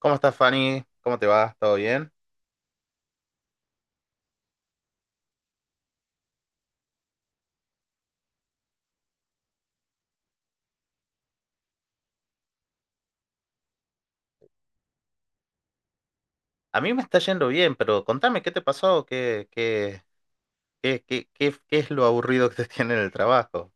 ¿Cómo estás, Fanny? ¿Cómo te va? ¿Todo bien? A mí me está yendo bien, pero contame, ¿qué te pasó? ¿Qué es lo aburrido que te tiene en el trabajo?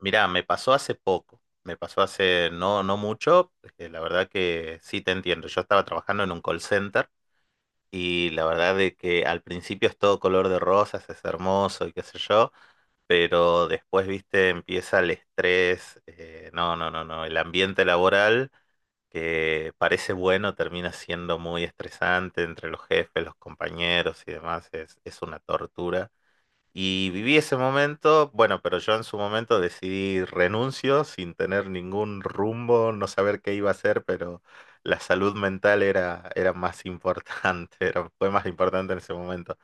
Mirá, me pasó hace poco. Me pasó hace no mucho, porque la verdad que sí te entiendo. Yo estaba trabajando en un call center y la verdad de que al principio es todo color de rosas, es hermoso y qué sé yo, pero después, viste, empieza el estrés. No, no, no, no. El ambiente laboral que parece bueno termina siendo muy estresante entre los jefes, los compañeros y demás, es una tortura. Y viví ese momento, bueno, pero yo en su momento decidí renuncio sin tener ningún rumbo, no saber qué iba a hacer, pero la salud mental era más importante, fue más importante en ese momento.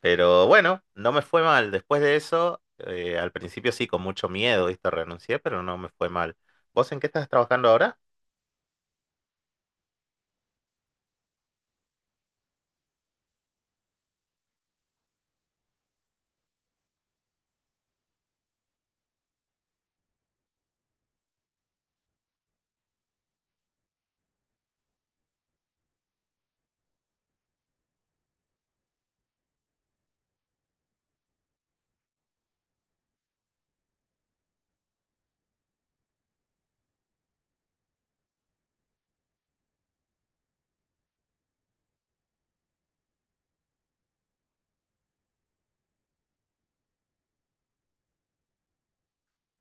Pero bueno, no me fue mal. Después de eso, al principio sí, con mucho miedo, ¿viste? Renuncié, pero no me fue mal. ¿Vos en qué estás trabajando ahora?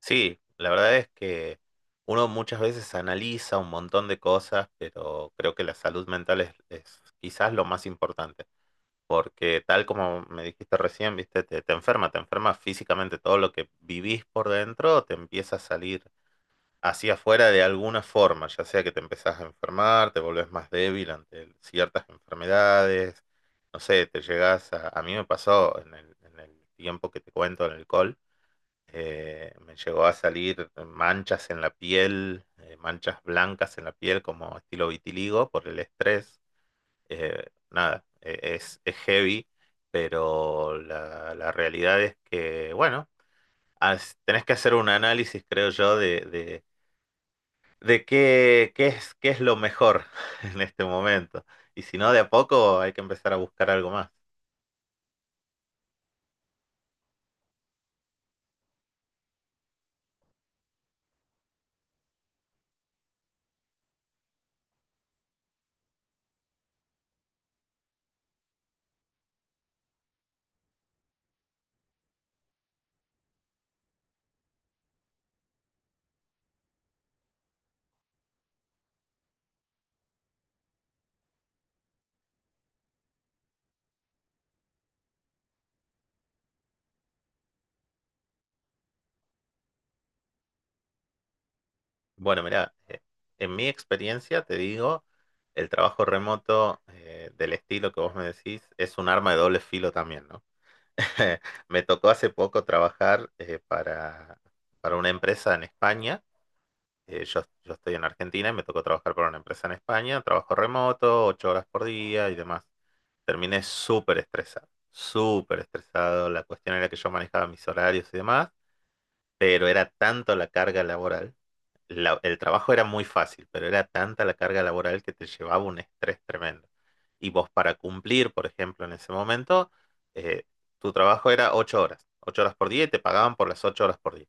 Sí, la verdad es que uno muchas veces analiza un montón de cosas, pero creo que la salud mental es quizás lo más importante, porque tal como me dijiste recién, viste, te enferma, te enferma físicamente, todo lo que vivís por dentro te empieza a salir hacia afuera de alguna forma, ya sea que te empezás a enfermar, te volvés más débil ante ciertas enfermedades, no sé, A mí me pasó en el tiempo que te cuento en el alcohol me llegó a salir manchas en la piel, manchas blancas en la piel como estilo vitiligo por el estrés. Eh, nada, es heavy, pero la realidad es que, bueno, tenés que hacer un análisis, creo yo, de qué es lo mejor en este momento. Y si no, de a poco hay que empezar a buscar algo más. Bueno, mira, en mi experiencia te digo, el trabajo remoto del estilo que vos me decís es un arma de doble filo también, ¿no? Me tocó hace poco trabajar para una empresa en España. Yo estoy en Argentina y me tocó trabajar para una empresa en España, trabajo remoto, 8 horas por día y demás. Terminé súper estresado, súper estresado. La cuestión era que yo manejaba mis horarios y demás, pero era tanto la carga laboral, el trabajo era muy fácil, pero era tanta la carga laboral que te llevaba un estrés tremendo. Y vos para cumplir, por ejemplo, en ese momento, eh, tu trabajo era 8 horas, 8 horas por día y te pagaban por las 8 horas por día.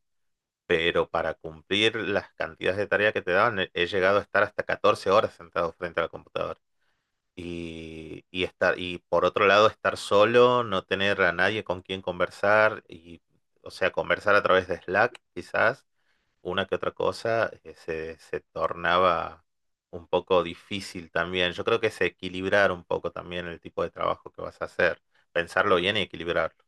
Pero para cumplir las cantidades de tarea que te daban, he llegado a estar hasta 14 horas sentado frente a la computadora. Y por otro lado, estar solo, no tener a nadie con quien conversar, y, o sea, conversar a través de Slack, quizás, una que otra cosa se tornaba un poco difícil también. Yo creo que es equilibrar un poco también el tipo de trabajo que vas a hacer, pensarlo bien y equilibrarlo.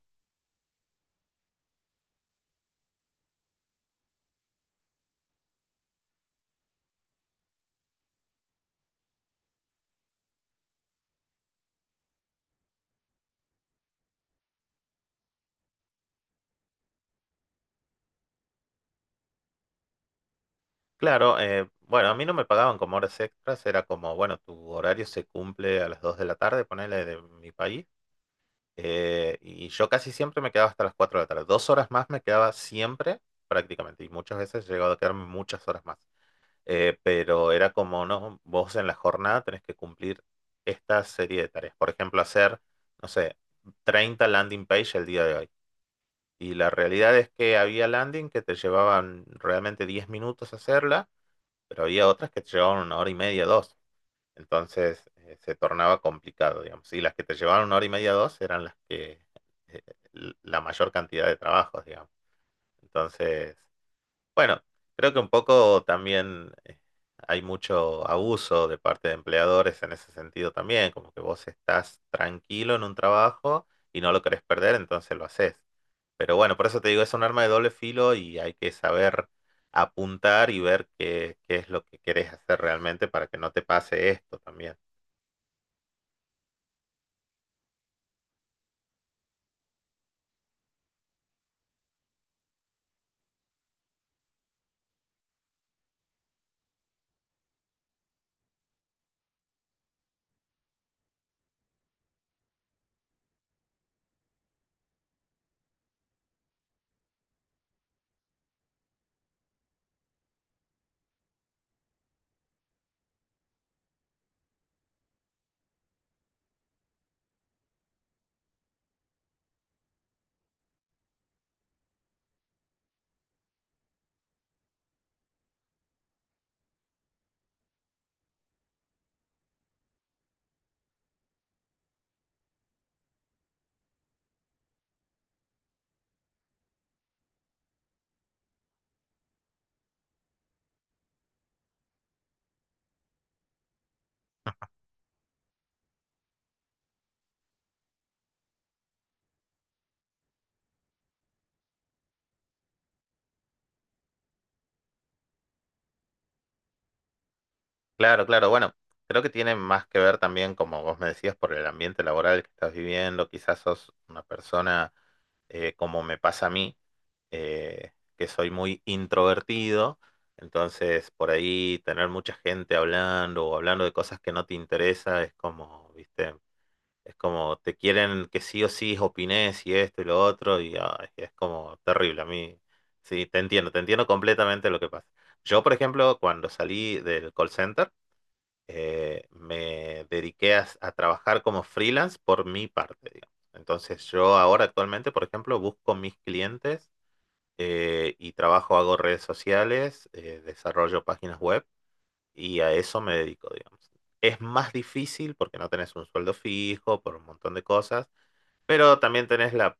Claro, bueno, a mí no me pagaban como horas extras, era como, bueno, tu horario se cumple a las 2 de la tarde, ponele, de mi país, y yo casi siempre me quedaba hasta las 4 de la tarde. 2 horas más me quedaba siempre, prácticamente, y muchas veces he llegado a quedarme muchas horas más. Pero era como, no, vos en la jornada tenés que cumplir esta serie de tareas. Por ejemplo, hacer, no sé, 30 landing page el día de hoy. Y la realidad es que había landing que te llevaban realmente 10 minutos hacerla, pero había otras que te llevaban 1 hora y media, dos. Entonces se tornaba complicado, digamos. Y las que te llevaban 1 hora y media, dos eran las que eh, la mayor cantidad de trabajos, digamos. Entonces, bueno, creo que un poco también hay mucho abuso de parte de empleadores en ese sentido también, como que vos estás tranquilo en un trabajo y no lo querés perder, entonces lo haces. Pero bueno, por eso te digo, es un arma de doble filo y hay que saber apuntar y ver qué es lo que querés hacer realmente para que no te pase esto también. Claro, claro. Bueno, creo que tiene más que ver también, como vos me decías, por el ambiente laboral que estás viviendo. Quizás sos una persona, como me pasa a mí, que soy muy introvertido. Entonces, por ahí, tener mucha gente hablando o hablando de cosas que no te interesa es como, viste, es como te quieren que sí o sí opines, y esto y lo otro y ay, es como terrible a mí. Sí, te entiendo completamente lo que pasa. Yo, por ejemplo, cuando salí del call center, me dediqué a trabajar como freelance por mi parte, digamos. Entonces yo ahora, actualmente, por ejemplo, busco mis clientes y trabajo, hago redes sociales, desarrollo páginas web, y a eso me dedico, digamos. Es más difícil porque no tenés un sueldo fijo, por un montón de cosas, pero también tenés la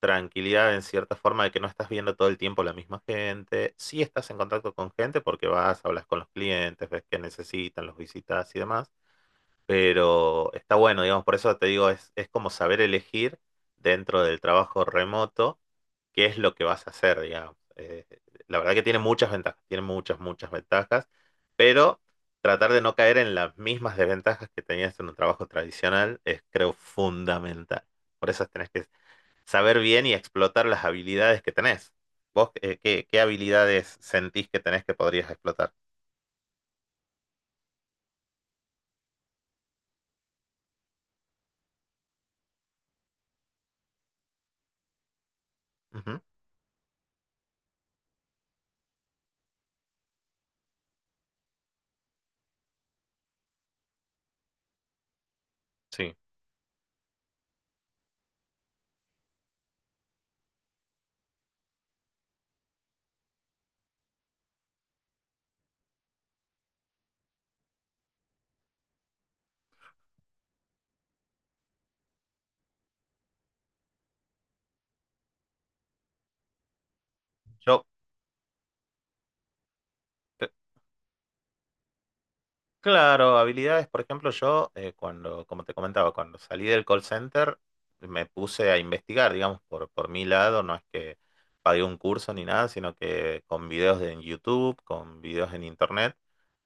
tranquilidad, en cierta forma, de que no estás viendo todo el tiempo la misma gente. Sí estás en contacto con gente porque vas, hablas con los clientes, ves qué necesitan, los visitas y demás, pero está bueno, digamos, por eso te digo, es como saber elegir dentro del trabajo remoto qué es lo que vas a hacer, digamos. La verdad que tiene muchas ventajas, tiene muchas, muchas ventajas, pero tratar de no caer en las mismas desventajas que tenías en un trabajo tradicional es, creo, fundamental. Por eso tenés que saber bien y explotar las habilidades que tenés. ¿Vos qué habilidades sentís que tenés que podrías explotar? Ujú. Sí. Yo, Claro, habilidades, por ejemplo, yo cuando, como te comentaba, cuando salí del call center, me puse a investigar, digamos, por mi lado. No es que pagué un curso ni nada, sino que con videos en YouTube, con videos en internet,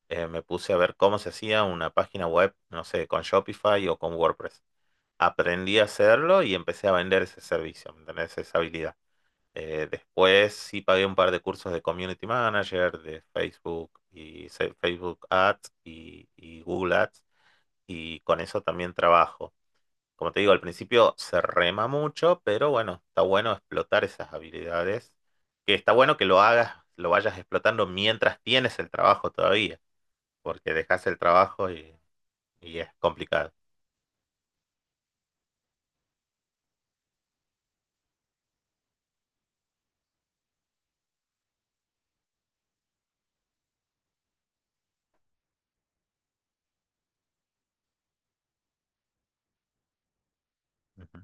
me puse a ver cómo se hacía una página web, no sé, con Shopify o con WordPress. Aprendí a hacerlo y empecé a vender ese servicio, ¿me entendés? Esa habilidad. Después sí pagué un par de cursos de Community Manager, de Facebook, y Facebook Ads y Google Ads, y con eso también trabajo. Como te digo, al principio se rema mucho, pero bueno, está bueno explotar esas habilidades, que está bueno que lo hagas, lo vayas explotando mientras tienes el trabajo todavía, porque dejas el trabajo y es complicado. Ujú.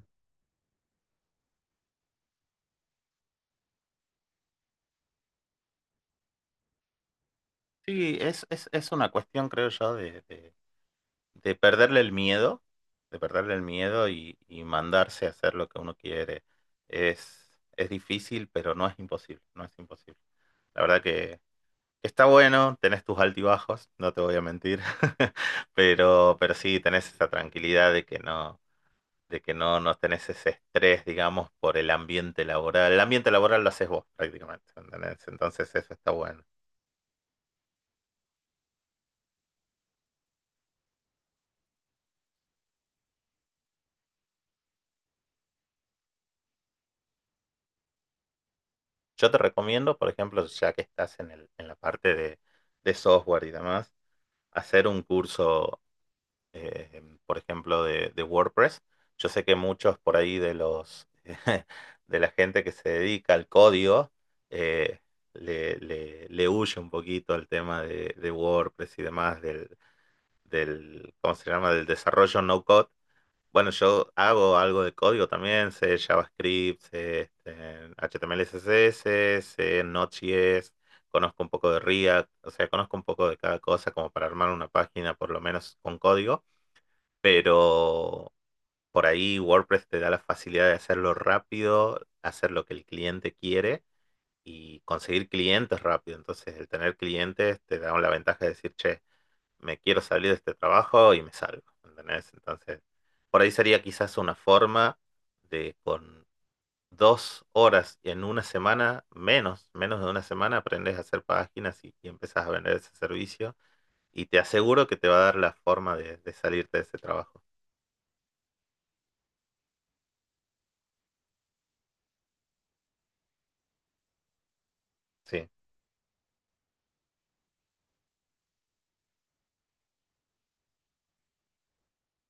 Sí, es una cuestión, creo yo, de perderle el miedo, de perderle el miedo y mandarse a hacer lo que uno quiere. Es, es difícil, pero no es imposible, no es imposible. La verdad que está bueno, tenés tus altibajos, no te voy a mentir, pero sí, tenés esa tranquilidad de que no tenés ese estrés, digamos, por el ambiente laboral. El ambiente laboral lo haces vos, prácticamente, ¿entendés? Entonces eso está bueno. Yo te recomiendo, por ejemplo, ya que estás en la parte de software y demás, hacer un curso, por ejemplo, de WordPress. Yo sé que muchos por ahí de los de la gente que se dedica al código eh, le huye un poquito al tema de WordPress y demás, ¿cómo se llama? Del desarrollo no code. Bueno, yo hago algo de código también, sé JavaScript, sé, este, HTML, CSS, sé Node.js, conozco un poco de React, o sea, conozco un poco de cada cosa, como para armar una página, por lo menos, con código, pero por ahí WordPress te da la facilidad de hacerlo rápido, hacer lo que el cliente quiere y conseguir clientes rápido. Entonces, el tener clientes te da la ventaja de decir, che, me quiero salir de este trabajo, y me salgo, ¿entendés? Entonces, por ahí sería quizás una forma de, con 2 horas en una semana, menos de una semana, aprendes a hacer páginas y empezás a vender ese servicio, y te aseguro que te va a dar la forma de salirte de ese trabajo. Sí,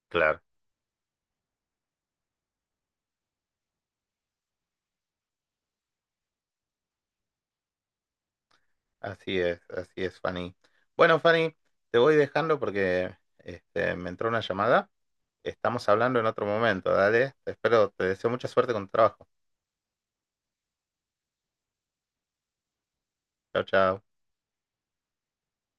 claro. Así es, Fanny. Bueno, Fanny, te voy dejando porque, me entró una llamada. Estamos hablando en otro momento, dale. Te espero, te deseo mucha suerte con tu trabajo. Chao, chao.